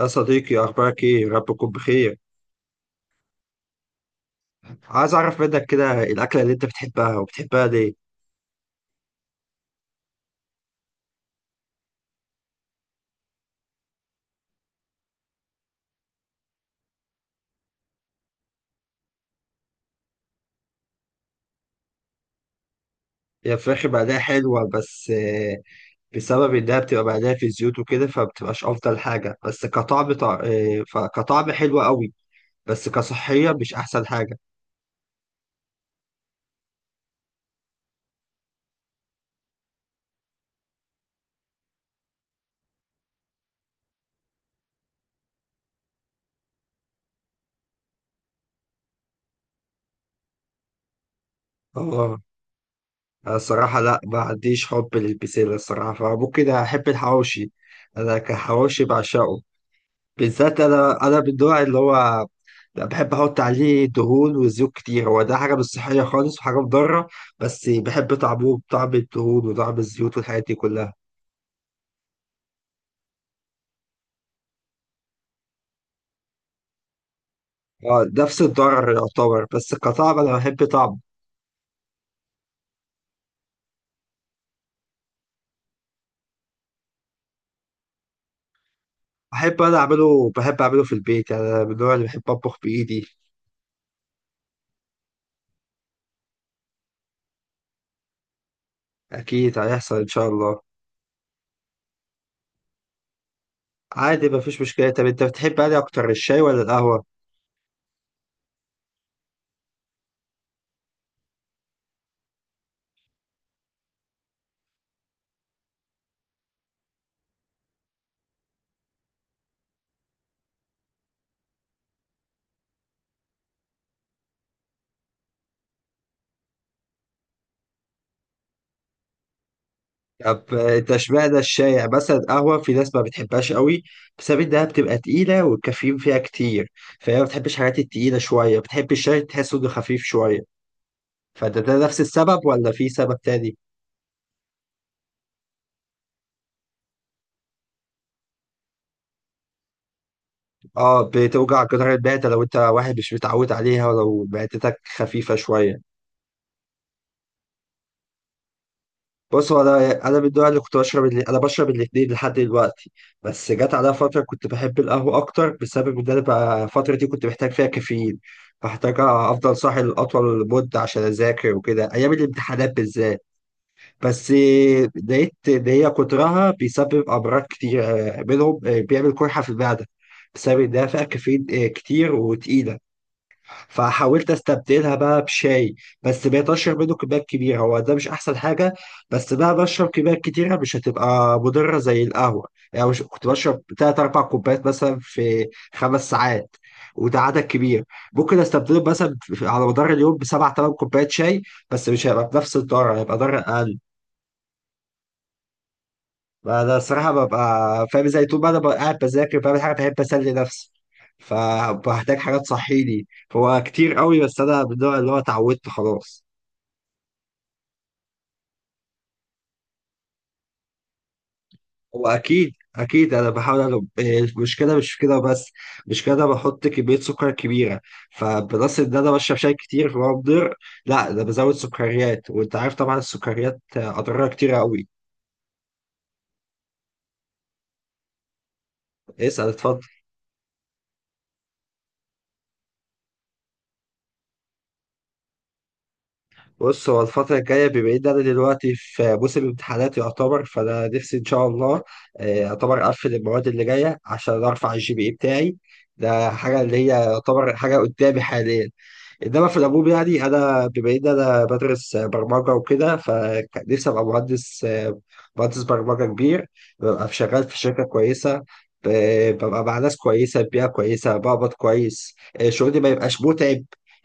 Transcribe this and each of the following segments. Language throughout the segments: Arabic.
يا صديقي، أخبارك إيه؟ رب يكون بخير. عايز أعرف منك كده، الأكلة اللي أنت بتحبها وبتحبها ليه؟ هي الفراخ بعدها حلوة بس بسبب إنها بتبقى بعدها في زيوت وكده، فبتبقاش أفضل حاجة. بس كطعم طع... آه، فكطعم حلو قوي، بس كصحية مش أحسن حاجة. آه. أنا الصراحة لأ، ما عنديش حب للبسلة الصراحة، فممكن أحب الحواوشي. أنا كحواوشي بعشقه، بالذات أنا من النوع اللي هو لا، بحب احط عليه دهون وزيوت كتير. هو ده حاجه مش صحيه خالص وحاجه مضره، بس بحب طعمه، بطعم الدهون وطعم الزيوت والحاجات دي كلها. اه، نفس الضرر يعتبر، بس كطعم انا بحب طعمه. بحب انا اعمله، بحب اعمله في البيت. يعني انا من النوع اللي بحب اطبخ بايدي. اكيد هيحصل ان شاء الله. عادي، مفيش مشكله. طب انت بتحب انهي اكتر، الشاي ولا القهوه؟ طب التشبيه ده الشائع، مثلا القهوة في ناس ما بتحبهاش قوي بسبب إنها بتبقى تقيلة والكافيين فيها كتير، فهي ما بتحبش الحاجات التقيلة شوية، بتحب الشاي تحسه إنه خفيف شوية. فده نفس السبب ولا في سبب تاني؟ آه، بتوجع جدار المعدة لو أنت واحد مش متعود عليها ولو معدتك خفيفة شوية. بص، هو انا من النوع اللي كنت بشرب، اللي انا بشرب الاثنين لحد دلوقتي. بس جت عليا فتره كنت بحب القهوه اكتر بسبب ان انا بقى الفتره دي كنت محتاج فيها كافيين، فاحتاج افضل صاحي لاطول مده عشان اذاكر وكده، ايام الامتحانات بالذات. بس لقيت ان هي كترها بيسبب امراض كتير، منهم بيعمل قرحه في المعده بسبب انها فيها كافيين كتير وتقيله. فحاولت استبدلها بقى بشاي، بس بقيت اشرب منه كميات كبيره، هو ده مش احسن حاجه. بس بقى بشرب كميات كتيره مش هتبقى مضره زي القهوه. يعني مش كنت بشرب 3 4 كوبايات مثلا في 5 ساعات، وده عدد كبير. ممكن استبدله مثلا على مدار اليوم بسبع تمن كوبايات شاي، بس مش هيبقى بنفس الضرر، هيبقى ضرر اقل. انا الصراحه ببقى فاهم ازاي، طول ما انا ببقى قاعد بذاكر بعمل حاجه بحب اسلي نفسي، فبحتاج حاجه تصحيني. هو كتير قوي، بس انا من النوع اللي هو اتعودت خلاص. هو اكيد اكيد، انا بحاول. أنا المشكله مش في كده بس، مش كده، بحط كميه سكر كبيره، فبلس ان انا بشرب شاي كتير فهو مضر. لا، ده بزود سكريات، وانت عارف طبعا السكريات اضرارها كتير قوي. اسال، اتفضل. بص، هو الفترة الجاية، بما إن أنا دلوقتي في موسم امتحانات يعتبر، فأنا نفسي إن شاء الله يعتبر أقفل المواد اللي جاية عشان أرفع الـGPA بتاعي. ده حاجة اللي هي يعتبر حاجة قدامي حاليا. انما في العموم، يعني انا بما ان انا بدرس برمجه وكده، فنفسي ابقى مهندس برمجه كبير، ببقى شغال في شركه كويسه، ببقى مع ناس كويسه، بيئه كويسه، بقبض كويس، شغلي ما يبقاش متعب.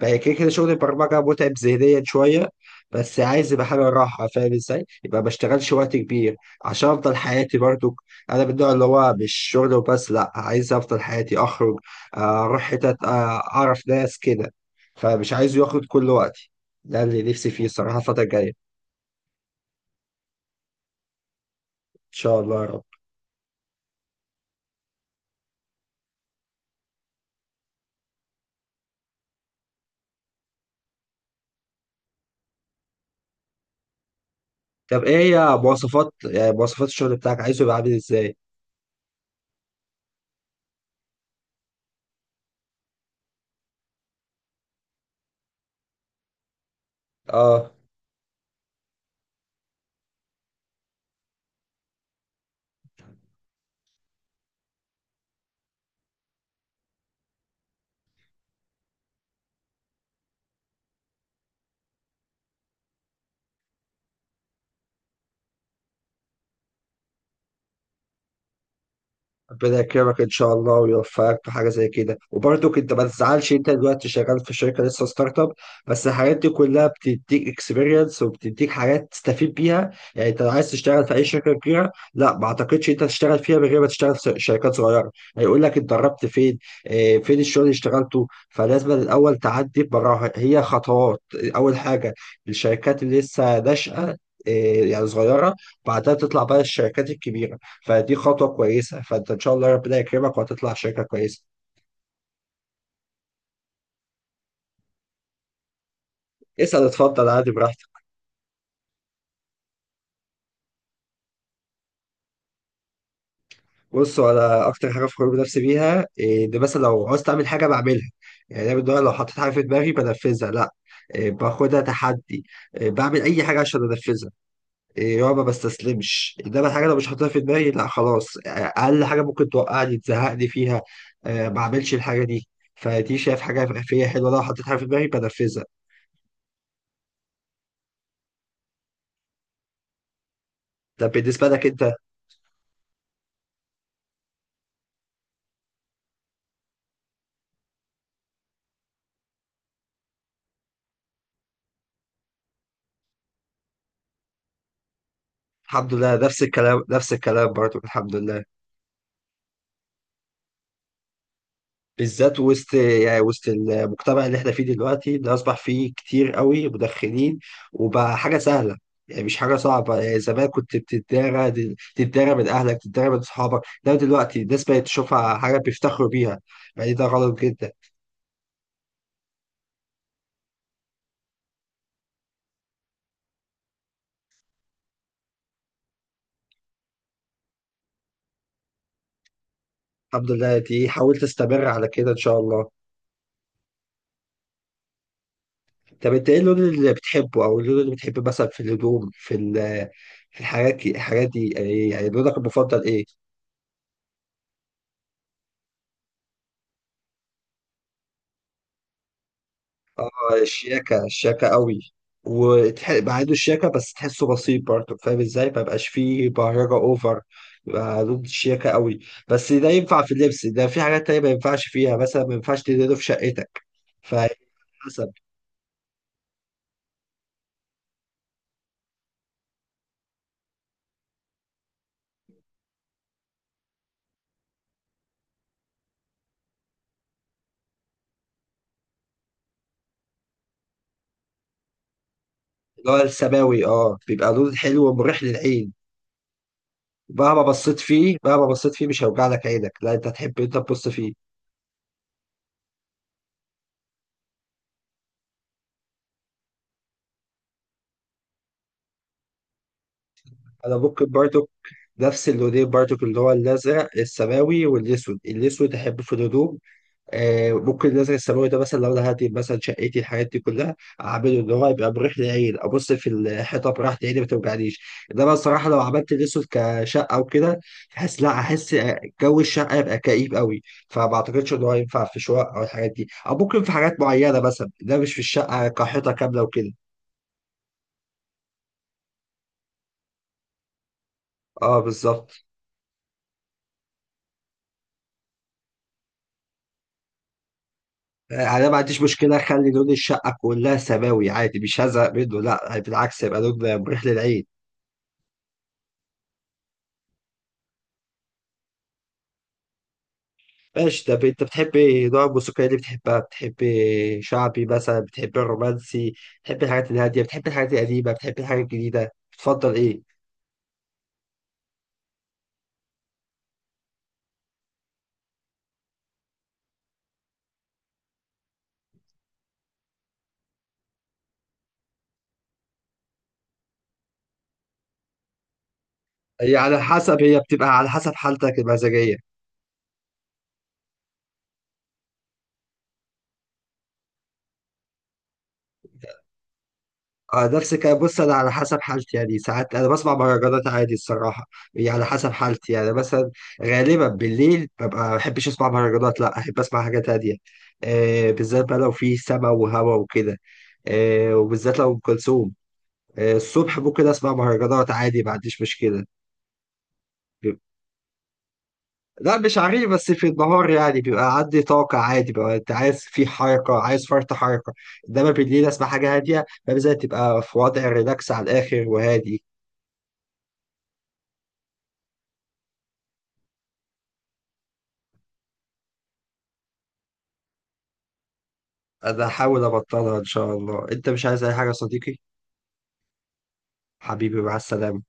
بقى كده كده شغل البرمجه متعب ذهنيا شويه، بس عايز يبقى حاجه راحه فاهم ازاي؟ يبقى ما اشتغلش وقت كبير عشان افضل حياتي برضو. انا من النوع اللي هو مش شغل وبس، لا، عايز افضل حياتي اخرج، اروح حتت، اعرف ناس كده. فمش عايز ياخد كل وقتي. ده اللي نفسي فيه الصراحة الفترة الجاية. إن شاء الله يا رب. طب إيه هي مواصفات الشغل بتاعك عايزه يبقى عامل إزاي؟ آه، ربنا يكرمك ان شاء الله ويوفقك في حاجه زي كده. وبرضك انت ما تزعلش انت دلوقتي شغال في شركه لسه ستارت اب، بس الحاجات دي كلها بتديك اكسبيرينس وبتديك حاجات تستفيد بيها. يعني انت لو عايز تشتغل في اي شركه كبيره، لا، ما اعتقدش انت تشتغل فيها من غير ما تشتغل في شركات صغيره. هيقول لك اتدربت فين، اه، فين الشغل اللي اشتغلته. فلازم الاول تعدي براها، هي خطوات. اول حاجه الشركات اللي لسه ناشئه، اه، يعني صغيره، بعدها تطلع بقى الشركات الكبيره. فدي خطوة كويسة، فانت ان شاء الله ربنا يكرمك وهتطلع شركة كويسة. اسأل، اتفضل، عادي، براحتك. بص، انا اكتر حاجة فخور بنفسي بيها ان مثلا لو عاوز اعمل حاجة بعملها. يعني انا بالنهار لو حطيت حاجة في دماغي بنفذها، لا، باخدها تحدي، بعمل اي حاجة عشان انفذها، يا ما بستسلمش. انما الحاجة لو مش حاططها في دماغي لا، خلاص، اقل حاجة ممكن توقعني، تزهقني فيها، ما اعملش الحاجة دي. فدي شايف حاجة فيا حلوة، لو حطيت حاجة في دماغي بنفذها. طب بالنسبة لك انت؟ الحمد لله، نفس الكلام، نفس الكلام برضه، الحمد لله. بالذات وسط المجتمع اللي احنا فيه دلوقتي، اللي اصبح فيه كتير قوي مدخنين، وبقى حاجه سهله، يعني مش حاجه صعبه. يعني زمان كنت بتتدارى، تتدارى من اهلك، تتدارى من اصحابك، لا دلوقتي الناس بقت تشوفها حاجه بيفتخروا بيها. يعني ده غلط جدا. الحمد لله دي، حاولت استمر على كده ان شاء الله. طب انت ايه اللون اللي بتحبه، او اللون اللي بتحبه مثلا في الهدوم، في في الحاجات دي، يعني لونك المفضل ايه؟ الشياكة، الشياكة قوي، وبعيدوا الشياكة، بس تحسه بسيط برضه فاهم ازاي، مبقاش فيه بهرجة اوفر، يبقى ضد الشياكة قوي. بس ده ينفع في اللبس، ده في حاجات تانية ما ينفعش فيها. مثلا ما ينفعش تدهنه في شقتك فحسب. اللي هو السماوي، اه، بيبقى لون حلو ومريح للعين. مهما بصيت فيه، مهما بصيت فيه، مش هيوجع لك عينك. لا، انت تحب انت تبص فيه. انا ممكن برضه نفس اللونين برضو، اللي هو الازرق السماوي والاسود. الاسود احبه في الهدوم، ممكن مثلا الثانوي ده، مثلا لو انا هدي مثلا شقتي الحاجات دي كلها، اعمله ان هو يبقى مريح للعين، ابص في الحيطه براحه عيني ما توجعنيش. انما الصراحه لو عملت الاسود كشقه وكده، بحس لا احس جو الشقه يبقى كئيب قوي. فما اعتقدش ان هو ينفع في شقق او الحاجات دي، او ممكن في حاجات معينه مثلا، ده مش في الشقه كحيطه كامله وكده. اه، بالظبط. يعني انا ما عنديش مشكله اخلي لون الشقه كلها سماوي عادي، مش هزهق منه لا، بالعكس، يبقى لون مريح للعين. ماشي. طب انت بتحبي نوع الموسيقى اللي بتحبها؟ بتحبي شعبي مثلا، بتحبي الرومانسي، بتحبي الحاجات الهادية، بتحبي الحاجات القديمة، بتحبي الحاجات الجديدة، بتفضل ايه؟ هي بتبقى على حسب حالتك المزاجية. اه، نفس الكلام. بص، انا على حسب حالتي، يعني ساعات انا بسمع مهرجانات عادي الصراحة. هي على حسب حالتي، يعني مثلا غالبا بالليل ببقى ما بحبش اسمع مهرجانات، لا احب اسمع حاجات هادية، بالذات بقى لو في سما وهوا وكده، وبالذات لو ام كلثوم. الصبح ممكن اسمع مهرجانات عادي، ما عنديش مشكله. بيبقى- لا، مش عارف. بس في النهار، يعني بيبقى عندي طاقه عادي بقى، انت عايز في حركه، عايز فرط حركه، انما بالليل اسمع حاجه هاديه، فبالذات تبقى في وضع ريلاكس على الاخر وهادي. انا هحاول ابطلها ان شاء الله. انت مش عايز اي حاجه يا صديقي؟ حبيبي مع السلامه.